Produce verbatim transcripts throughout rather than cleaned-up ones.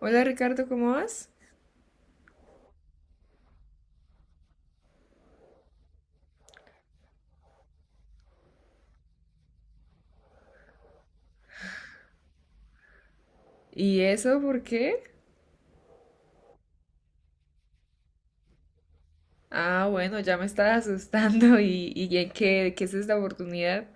Hola Ricardo, ¿cómo vas? ¿Y eso por qué? Ah, bueno, ya me estás asustando y, y en qué, qué es esta oportunidad?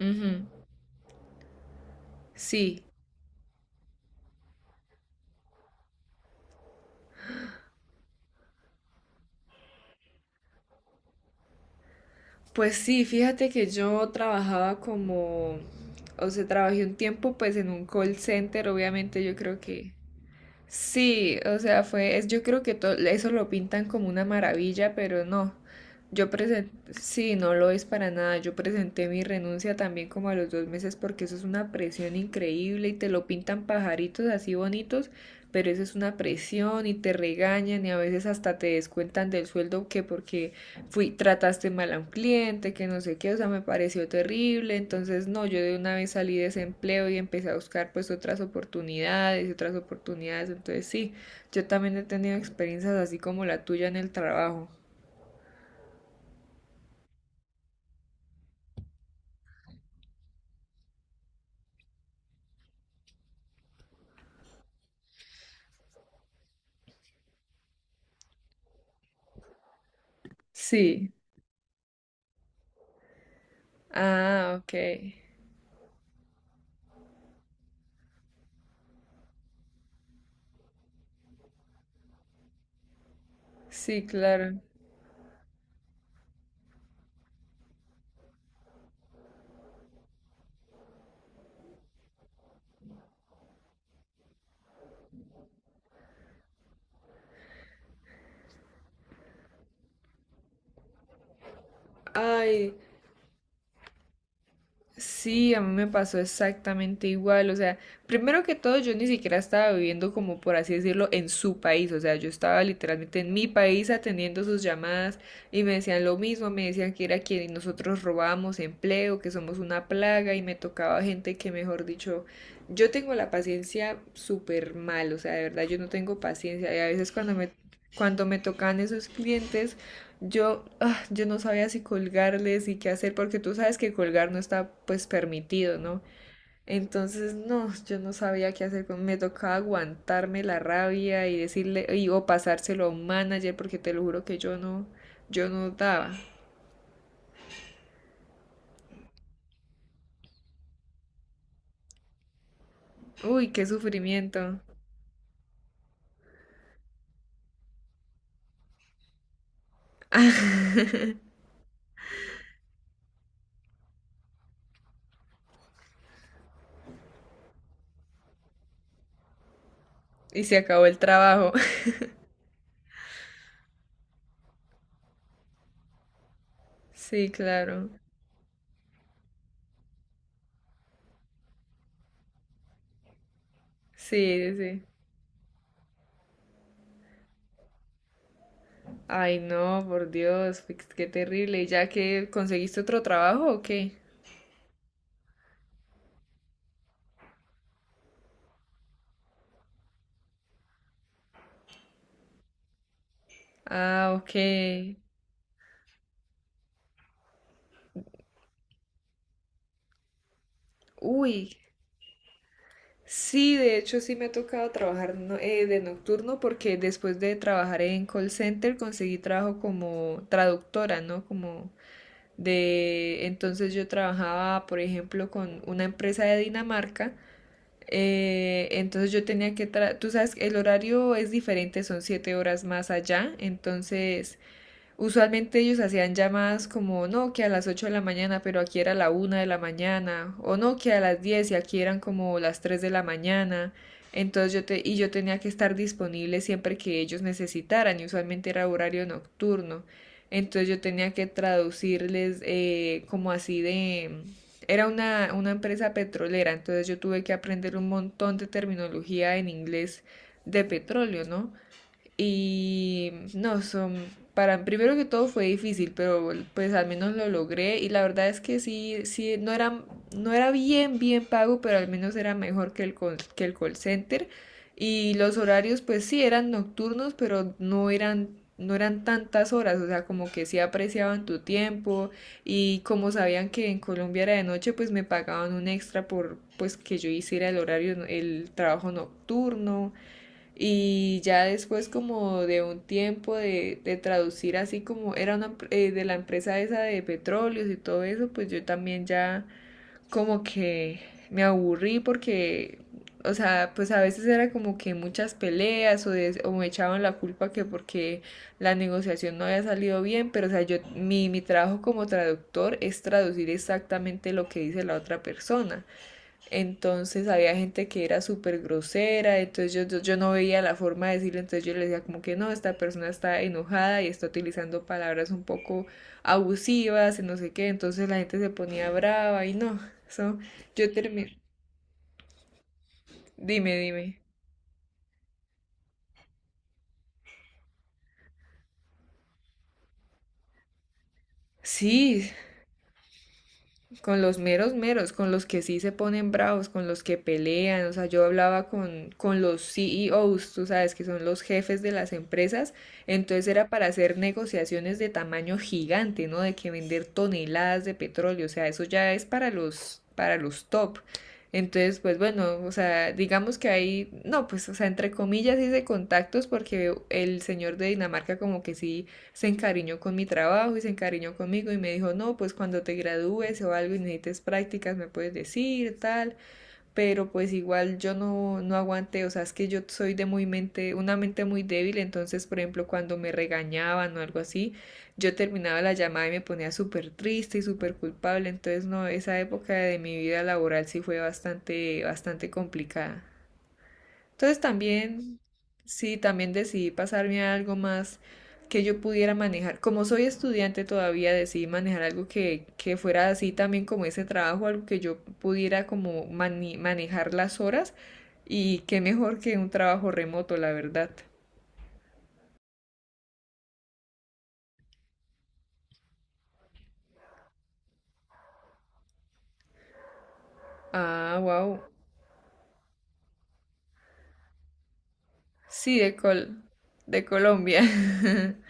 Ujú. Sí, pues sí, fíjate que yo trabajaba como, o sea, trabajé un tiempo pues en un call center, obviamente yo creo que... Sí, o sea, fue, es, yo creo que to- eso lo pintan como una maravilla, pero no. Yo presenté, sí, no lo es para nada. Yo presenté mi renuncia también como a los dos meses porque eso es una presión increíble y te lo pintan pajaritos así bonitos, pero eso es una presión y te regañan y a veces hasta te descuentan del sueldo que porque fui, trataste mal a un cliente, que no sé qué, o sea, me pareció terrible. Entonces, no, yo de una vez salí de ese empleo y empecé a buscar pues otras oportunidades, otras oportunidades. Entonces, sí, yo también he tenido experiencias así como la tuya en el trabajo. Sí. Ah, ok. Sí, claro. Ay, sí, a mí me pasó exactamente igual. O sea, primero que todo, yo ni siquiera estaba viviendo como por así decirlo en su país. O sea, yo estaba literalmente en mi país atendiendo sus llamadas y me decían lo mismo, me decían que era que nosotros robábamos empleo, que somos una plaga y me tocaba gente que, mejor dicho, yo tengo la paciencia súper mal. O sea, de verdad, yo no tengo paciencia y a veces cuando me, cuando me, tocan esos clientes... Yo, ah, yo no sabía si colgarles y qué hacer, porque tú sabes que colgar no está pues permitido, ¿no? Entonces, no, yo no sabía qué hacer con, me tocaba aguantarme la rabia y decirle, y, o pasárselo a un manager, porque te lo juro que yo no, yo no daba. Uy, qué sufrimiento. Y se acabó el trabajo. Sí, claro. Sí, sí. Sí. Ay, no, por Dios, qué qué terrible. ¿Y ya que conseguiste otro trabajo o qué? Ah, ok. Uy, sí, de hecho sí me ha tocado trabajar no- eh, de nocturno porque después de trabajar en call center conseguí trabajo como traductora, ¿no? Como de... Entonces yo trabajaba, por ejemplo, con una empresa de Dinamarca. Eh, entonces yo tenía que... tra- Tú sabes, el horario es diferente, son siete horas más allá. Entonces usualmente ellos hacían llamadas como no, que a las ocho de la mañana, pero aquí era la una de la mañana, o no, que a las diez y aquí eran como las tres de la mañana. Entonces yo te, y yo tenía que estar disponible siempre que ellos necesitaran, y usualmente era horario nocturno. Entonces yo tenía que traducirles eh, como así de... Era una, una empresa petrolera, entonces yo tuve que aprender un montón de terminología en inglés de petróleo, ¿no? Y no, son, para primero que todo fue difícil, pero pues al menos lo logré y la verdad es que sí, sí, no era, no era bien, bien pago, pero al menos era mejor que el, call, que el call center. Y los horarios pues sí eran nocturnos, pero no eran, no eran tantas horas, o sea, como que sí apreciaban tu tiempo y como sabían que en Colombia era de noche, pues me pagaban un extra por pues que yo hiciera el horario, el trabajo nocturno. Y ya después como de un tiempo de, de, traducir así como era una eh, de la empresa esa de petróleos y todo eso, pues yo también ya como que me aburrí porque, o sea, pues a veces era como que muchas peleas o, de- o me echaban la culpa que porque la negociación no había salido bien, pero o sea, yo mi, mi, trabajo como traductor es traducir exactamente lo que dice la otra persona. Entonces había gente que era súper grosera, entonces yo, yo, yo no veía la forma de decirle, entonces yo le decía como que no, esta persona está enojada y está utilizando palabras un poco abusivas y no sé qué, entonces la gente se ponía brava y no, eso, yo terminé, dime, dime. Sí, con los meros meros, con los que sí se ponen bravos, con los que pelean, o sea, yo hablaba con, con los C E Os, tú sabes, que son los jefes de las empresas, entonces era para hacer negociaciones de tamaño gigante, ¿no? De que vender toneladas de petróleo, o sea, eso ya es para los, para los top. Entonces, pues bueno, o sea, digamos que hay, no, pues, o sea, entre comillas hice contactos porque el señor de Dinamarca como que sí se encariñó con mi trabajo y se encariñó conmigo y me dijo, no, pues cuando te gradúes o algo y necesites prácticas me puedes decir, tal, pero pues igual yo no, no aguanté, o sea, es que yo soy de muy mente, una mente muy débil, entonces, por ejemplo, cuando me regañaban o algo así, yo terminaba la llamada y me ponía súper triste y súper culpable, entonces, no, esa época de mi vida laboral sí fue bastante, bastante complicada. Entonces también, sí, también decidí pasarme a algo más que yo pudiera manejar. Como soy estudiante todavía, decidí manejar algo que, que fuera así también como ese trabajo, algo que yo pudiera como mani- manejar las horas y qué mejor que un trabajo remoto, la verdad. Ah, wow. Sí, de Col- de Colombia.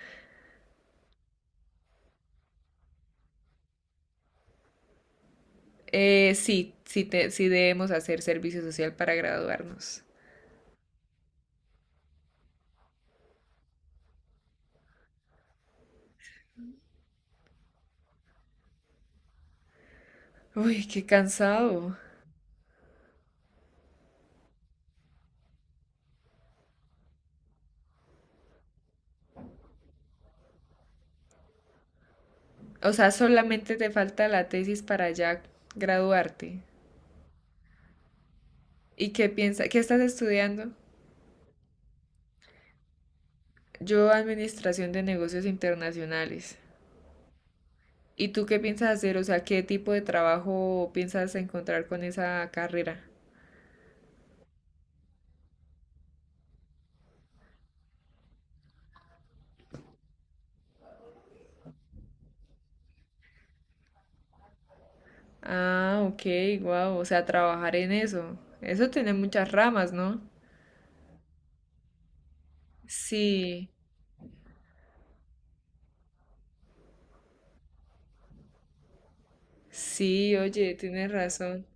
Eh, sí, sí, te- sí debemos hacer servicio social para graduarnos. Uy, qué cansado. O sea, solamente te falta la tesis para ya graduarte. ¿Y qué piensas? ¿Qué estás estudiando? Yo, Administración de Negocios Internacionales. ¿Y tú qué piensas hacer? O sea, ¿qué tipo de trabajo piensas encontrar con esa carrera? Ah, ok, wow. O sea, trabajar en eso. Eso tiene muchas ramas, ¿no? Sí, sí, oye, tienes razón.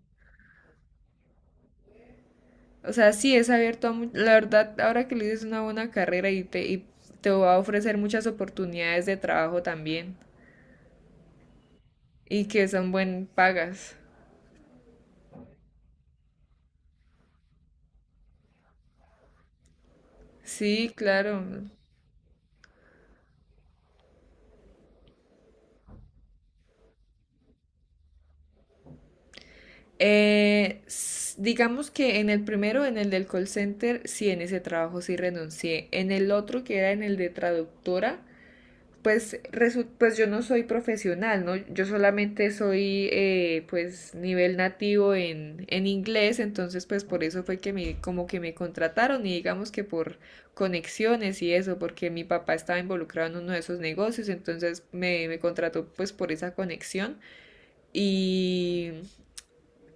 O sea, sí es abierto a... La verdad, ahora que le dices es una buena carrera y te, y te va a ofrecer muchas oportunidades de trabajo también. Y que son buen pagas. Sí, claro. Eh, s- digamos que en el primero, en el del call center, sí, en ese trabajo sí renuncié. En el otro, que era en el de traductora, pues, pues yo no soy profesional, ¿no? Yo solamente soy eh, pues nivel nativo en, en inglés, entonces pues por eso fue que me, como que me contrataron y digamos que por conexiones y eso, porque mi papá estaba involucrado en uno de esos negocios, entonces me, me, contrató pues por esa conexión y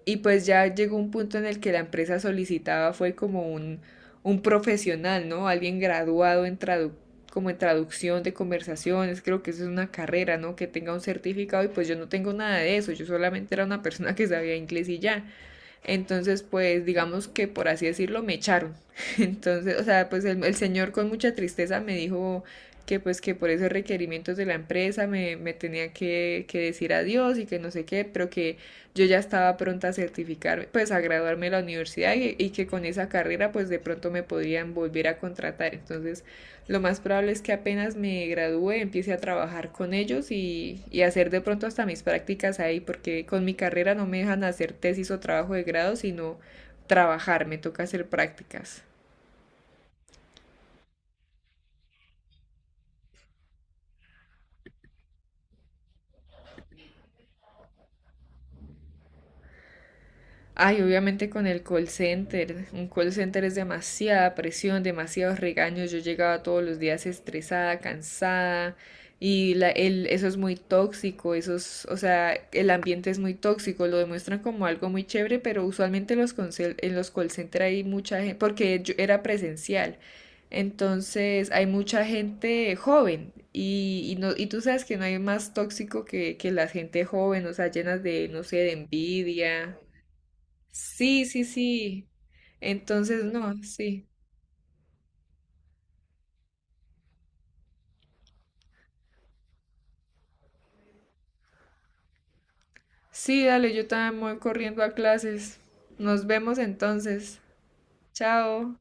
y pues ya llegó un punto en el que la empresa solicitaba fue como un, un profesional, ¿no? Alguien graduado en tradu como en traducción de conversaciones, creo que eso es una carrera, ¿no? Que tenga un certificado y pues yo no tengo nada de eso, yo solamente era una persona que sabía inglés y ya. Entonces, pues digamos que por así decirlo, me echaron. Entonces, o sea, pues el, el señor con mucha tristeza me dijo que pues que por esos requerimientos de la empresa me, me tenía que, que decir adiós y que no sé qué, pero que yo ya estaba pronta a certificarme, pues a graduarme de la universidad y, y que con esa carrera pues de pronto me podrían volver a contratar. Entonces, lo más probable es que apenas me gradúe empiece a trabajar con ellos y, y, hacer de pronto hasta mis prácticas ahí, porque con mi carrera no me dejan hacer tesis o trabajo de grado, sino trabajar, me toca hacer prácticas. Ay, obviamente con el call center. Un call center es demasiada presión, demasiados regaños. Yo llegaba todos los días estresada, cansada. Y la- el- eso es muy tóxico, eso es- o sea, el ambiente es muy tóxico, lo demuestran como algo muy chévere, pero usualmente los consel- en los call center hay mucha gente, porque yo era presencial, entonces hay mucha gente joven y, y no, y tú sabes que no hay más tóxico que, que, la gente joven, o sea, llenas de, no sé, de envidia. Sí, sí, sí. Entonces, no, sí. Sí, dale, yo también voy corriendo a clases. Nos vemos entonces. Chao.